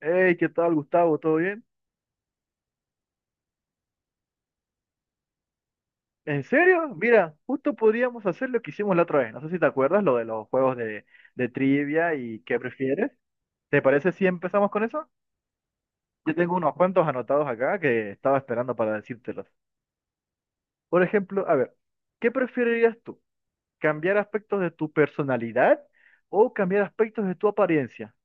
Hey, ¿qué tal, Gustavo? ¿Todo bien? ¿En serio? Mira, justo podríamos hacer lo que hicimos la otra vez. No sé si te acuerdas, lo de los juegos de trivia y qué prefieres. ¿Te parece si empezamos con eso? Yo tengo unos cuantos anotados acá que estaba esperando para decírtelos. Por ejemplo, a ver, ¿qué preferirías tú? ¿Cambiar aspectos de tu personalidad o cambiar aspectos de tu apariencia?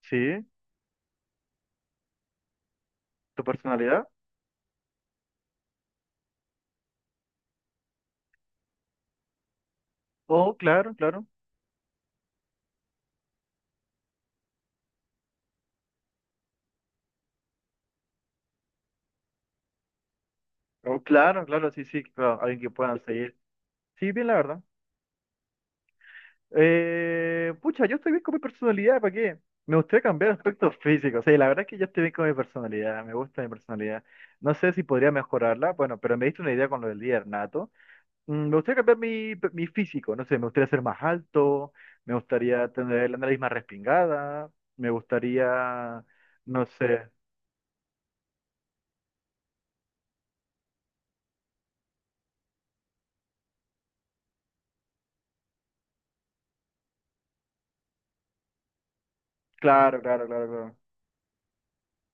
¿Sí? ¿Tu personalidad? Oh, claro, claro. Oh, claro, claro, sí, sí, claro. Alguien que puedan seguir. Sí, bien, la verdad. Pucha, yo estoy bien con mi personalidad, ¿para qué? Me gustaría cambiar aspectos físicos. Sí, la verdad es que yo estoy bien con mi personalidad, me gusta mi personalidad. No sé si podría mejorarla, bueno, pero me diste una idea con lo del líder nato. Me gustaría cambiar mi físico, no sé, me gustaría ser más alto, me gustaría tener la nariz más respingada, me gustaría, no sé, claro, claro, claro, claro.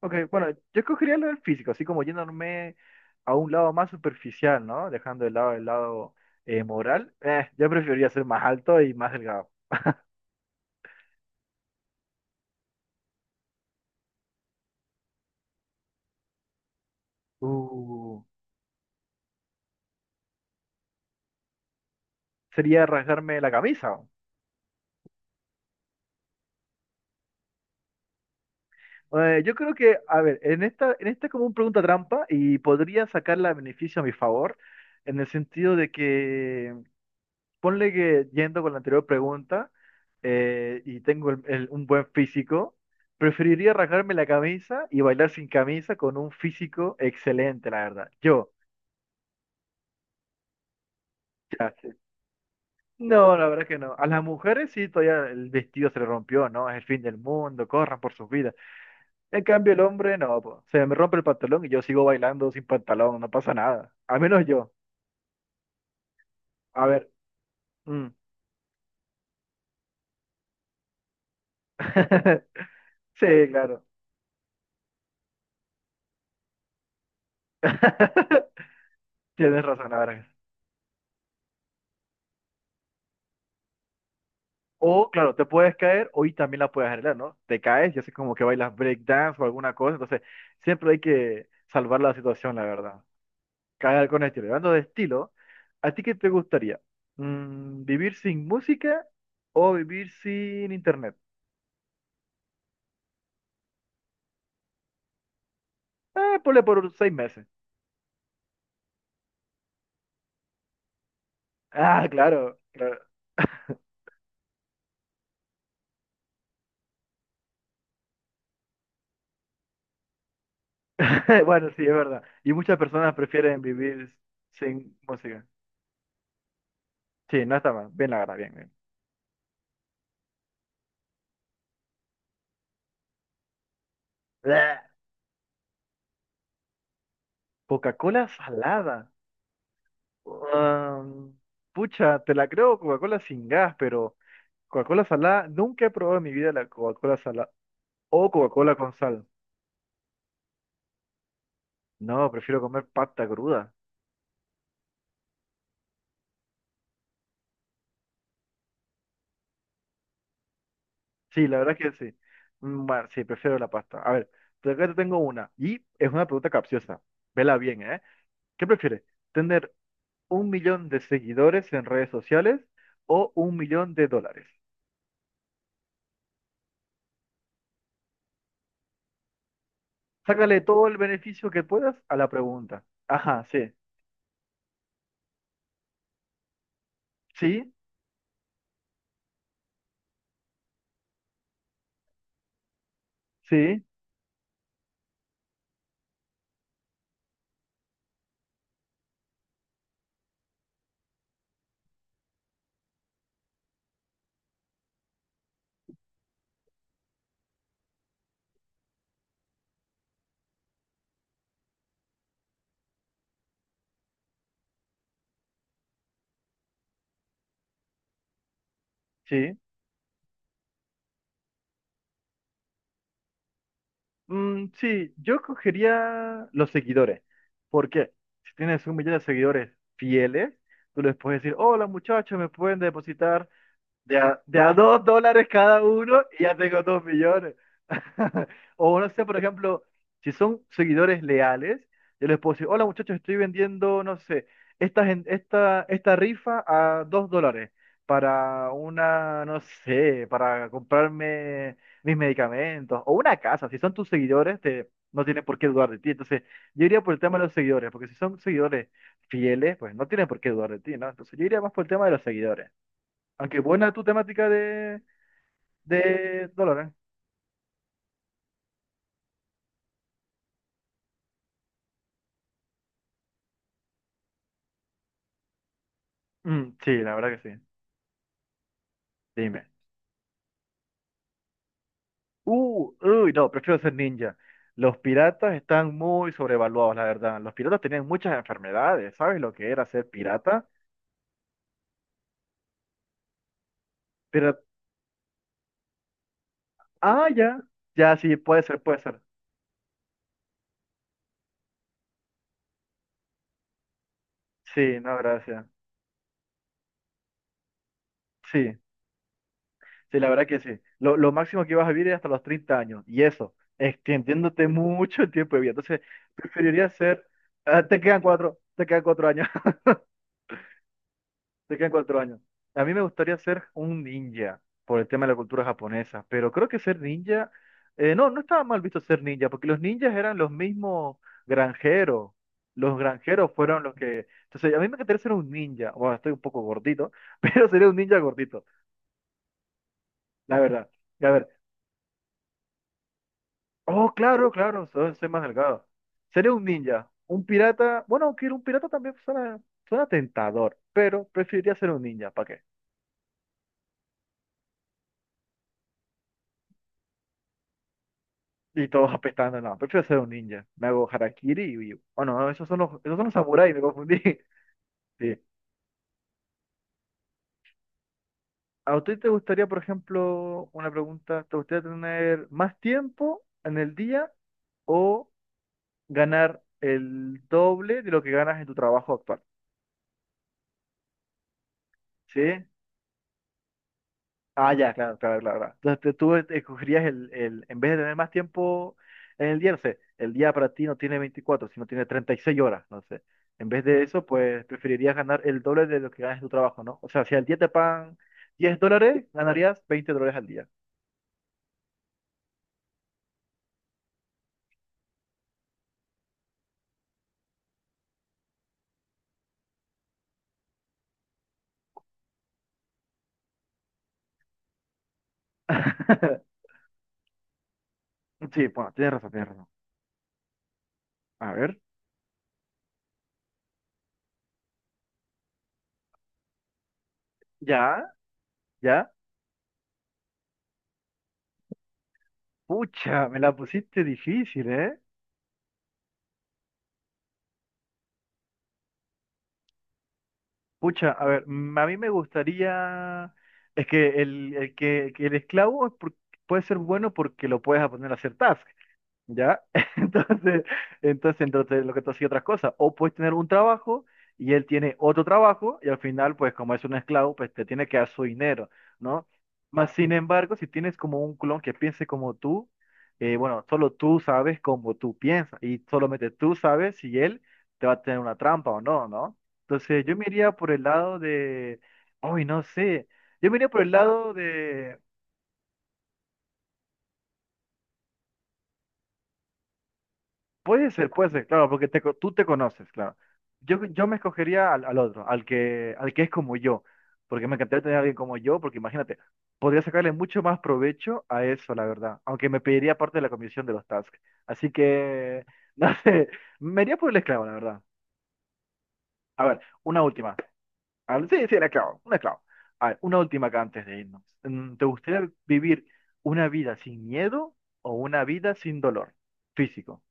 Ok, bueno, yo escogería lo del físico, así como yéndome a un lado más superficial, ¿no? Dejando de lado el lado moral. Yo preferiría ser más alto y más delgado. Uh, Sería rasgarme la camisa. Yo creo que, a ver, en esta es como una pregunta trampa y podría sacarla a beneficio a mi favor, en el sentido de que ponle que yendo con la anterior pregunta y tengo un buen físico, preferiría rasgarme la camisa y bailar sin camisa con un físico excelente, la verdad. Gracias. No, la verdad que no. A las mujeres sí, todavía el vestido se le rompió, ¿no? Es el fin del mundo, corran por sus vidas. En cambio, el hombre no, po. Se me rompe el pantalón y yo sigo bailando sin pantalón, no pasa nada. Al menos yo. A ver. Mm. Sí, claro. Tienes razón, la verdad. O, claro, te puedes caer o y también la puedes arreglar, ¿no? Te caes y haces como que bailas breakdance o alguna cosa. Entonces, siempre hay que salvar la situación, la verdad. Caer con estilo. Y hablando de estilo, ¿a ti qué te gustaría? ¿Vivir sin música o vivir sin internet? Ponle por unos 6 meses. Ah, claro, claro. Bueno, sí, es verdad. Y muchas personas prefieren vivir sin música. Sí, no está mal. Bien, la verdad, bien, bien. Bleh. Coca-Cola salada. Ah, pucha, te la creo Coca-Cola sin gas, pero Coca-Cola salada, nunca he probado en mi vida la Coca-Cola salada o Coca-Cola con sal. No, prefiero comer pasta cruda. Sí, la verdad es que sí. Bueno, sí, prefiero la pasta. A ver, acá te tengo una y es una pregunta capciosa. Vela bien, ¿eh? ¿Qué prefieres? ¿Tener 1 millón de seguidores en redes sociales o 1 millón de dólares? Sácale todo el beneficio que puedas a la pregunta. Ajá, sí. Sí, sí, sí. Sí, yo cogería los seguidores. ¿Por qué? Si tienes 1 millón de seguidores fieles, tú les puedes decir, hola muchachos, me pueden depositar de a 2 dólares cada uno y ya tengo 2 millones. O no sé, por ejemplo, si son seguidores leales, yo les puedo decir, hola muchachos, estoy vendiendo, no sé, esta rifa a 2 dólares para una, no sé, para comprarme mis medicamentos o una casa. Si son tus seguidores, te, no tienen por qué dudar de ti. Entonces, yo iría por el tema de los seguidores, porque si son seguidores fieles, pues no tienen por qué dudar de ti, ¿no? Entonces, yo iría más por el tema de los seguidores. Aunque buena tu temática de Dolores. Sí, la verdad que sí. Dime. Uy, no, prefiero ser ninja. Los piratas están muy sobrevaluados, la verdad. Los piratas tenían muchas enfermedades. ¿Sabes lo que era ser pirata? Pero, ah, ya. Ya, sí, puede ser, puede ser. Sí, no, gracias. Sí, sí, la verdad que sí. Lo máximo que vas a vivir es hasta los 30 años. Y eso, extendiéndote mucho el tiempo de vida. Entonces, preferiría ser. Ah, te quedan cuatro años. Te quedan cuatro años. A mí me gustaría ser un ninja por el tema de la cultura japonesa, pero creo que ser ninja, no, no estaba mal visto ser ninja, porque los ninjas eran los mismos granjeros. Los granjeros fueron los que. Entonces, a mí me gustaría ser un ninja. Bueno, estoy un poco gordito, pero sería un ninja gordito, la verdad. A ver, oh, claro, claro, soy más delgado. Sería un ninja, un pirata. Bueno, aunque un pirata también suena tentador, pero preferiría ser un ninja, ¿para qué? Y todos apestando, no, prefiero ser un ninja. Me hago harakiri y huyo. Oh, no, esos son los samuráis, me confundí. Sí. ¿A usted te gustaría, por ejemplo, una pregunta, te gustaría tener más tiempo en el día o ganar el doble de lo que ganas en tu trabajo actual? ¿Sí? Ah, ya, claro, claro, claro, claro. Entonces tú escogerías en vez de tener más tiempo en el día, no sé, el día para ti no tiene 24 sino tiene 36 horas, no sé. En vez de eso, pues preferirías ganar el doble de lo que ganas en tu trabajo, ¿no? O sea, si al día te pagan 10 dólares, ganarías 20 dólares al día. Sí, bueno, tienes razón, tienes razón. A ver, ya, ya. Pucha, me la pusiste difícil, ¿eh? Pucha, a ver, a mí me gustaría, es que el esclavo puede ser bueno porque lo puedes poner a hacer tasks. ¿Ya? Entonces, entonces, lo que tú hacías otras cosas. O puedes tener un trabajo y él tiene otro trabajo y al final, pues como es un esclavo, pues te tiene que dar su dinero, ¿no? Más sin embargo, si tienes como un clon que piense como tú, bueno, solo tú sabes cómo tú piensas y solamente tú sabes si él te va a tener una trampa o no, ¿no? Entonces yo me iría por el lado de, hoy no sé, yo me iría por el lado de. Puede ser, claro, porque tú te conoces, claro. Yo me escogería al otro, al que es como yo, porque me encantaría tener a alguien como yo, porque imagínate, podría sacarle mucho más provecho a eso, la verdad, aunque me pediría parte de la comisión de los tasks. Así que, no sé, me iría por el esclavo, la verdad. A ver, una última. A ver, sí, sí, el esclavo, un esclavo. A ver, una última acá antes de irnos. ¿Te gustaría vivir una vida sin miedo o una vida sin dolor físico?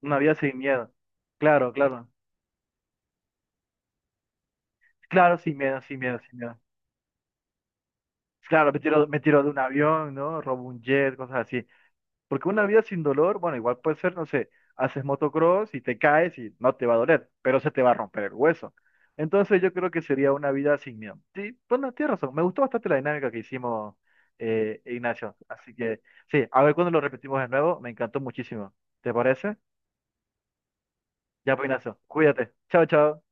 Una vida sin miedo. Claro, claro. Claro, sin miedo, sin miedo, sin miedo. Claro, me tiro de un avión, ¿no? Robo un jet, cosas así. Porque una vida sin dolor, bueno, igual puede ser, no sé, haces motocross y te caes y no te va a doler, pero se te va a romper el hueso. Entonces yo creo que sería una vida sin miedo. Sí, bueno, tienes razón. Me gustó bastante la dinámica que hicimos, Ignacio. Así que, sí, a ver cuando lo repetimos de nuevo. Me encantó muchísimo. ¿Te parece? Ya, pues, Ignacio, cuídate. Chao, chao.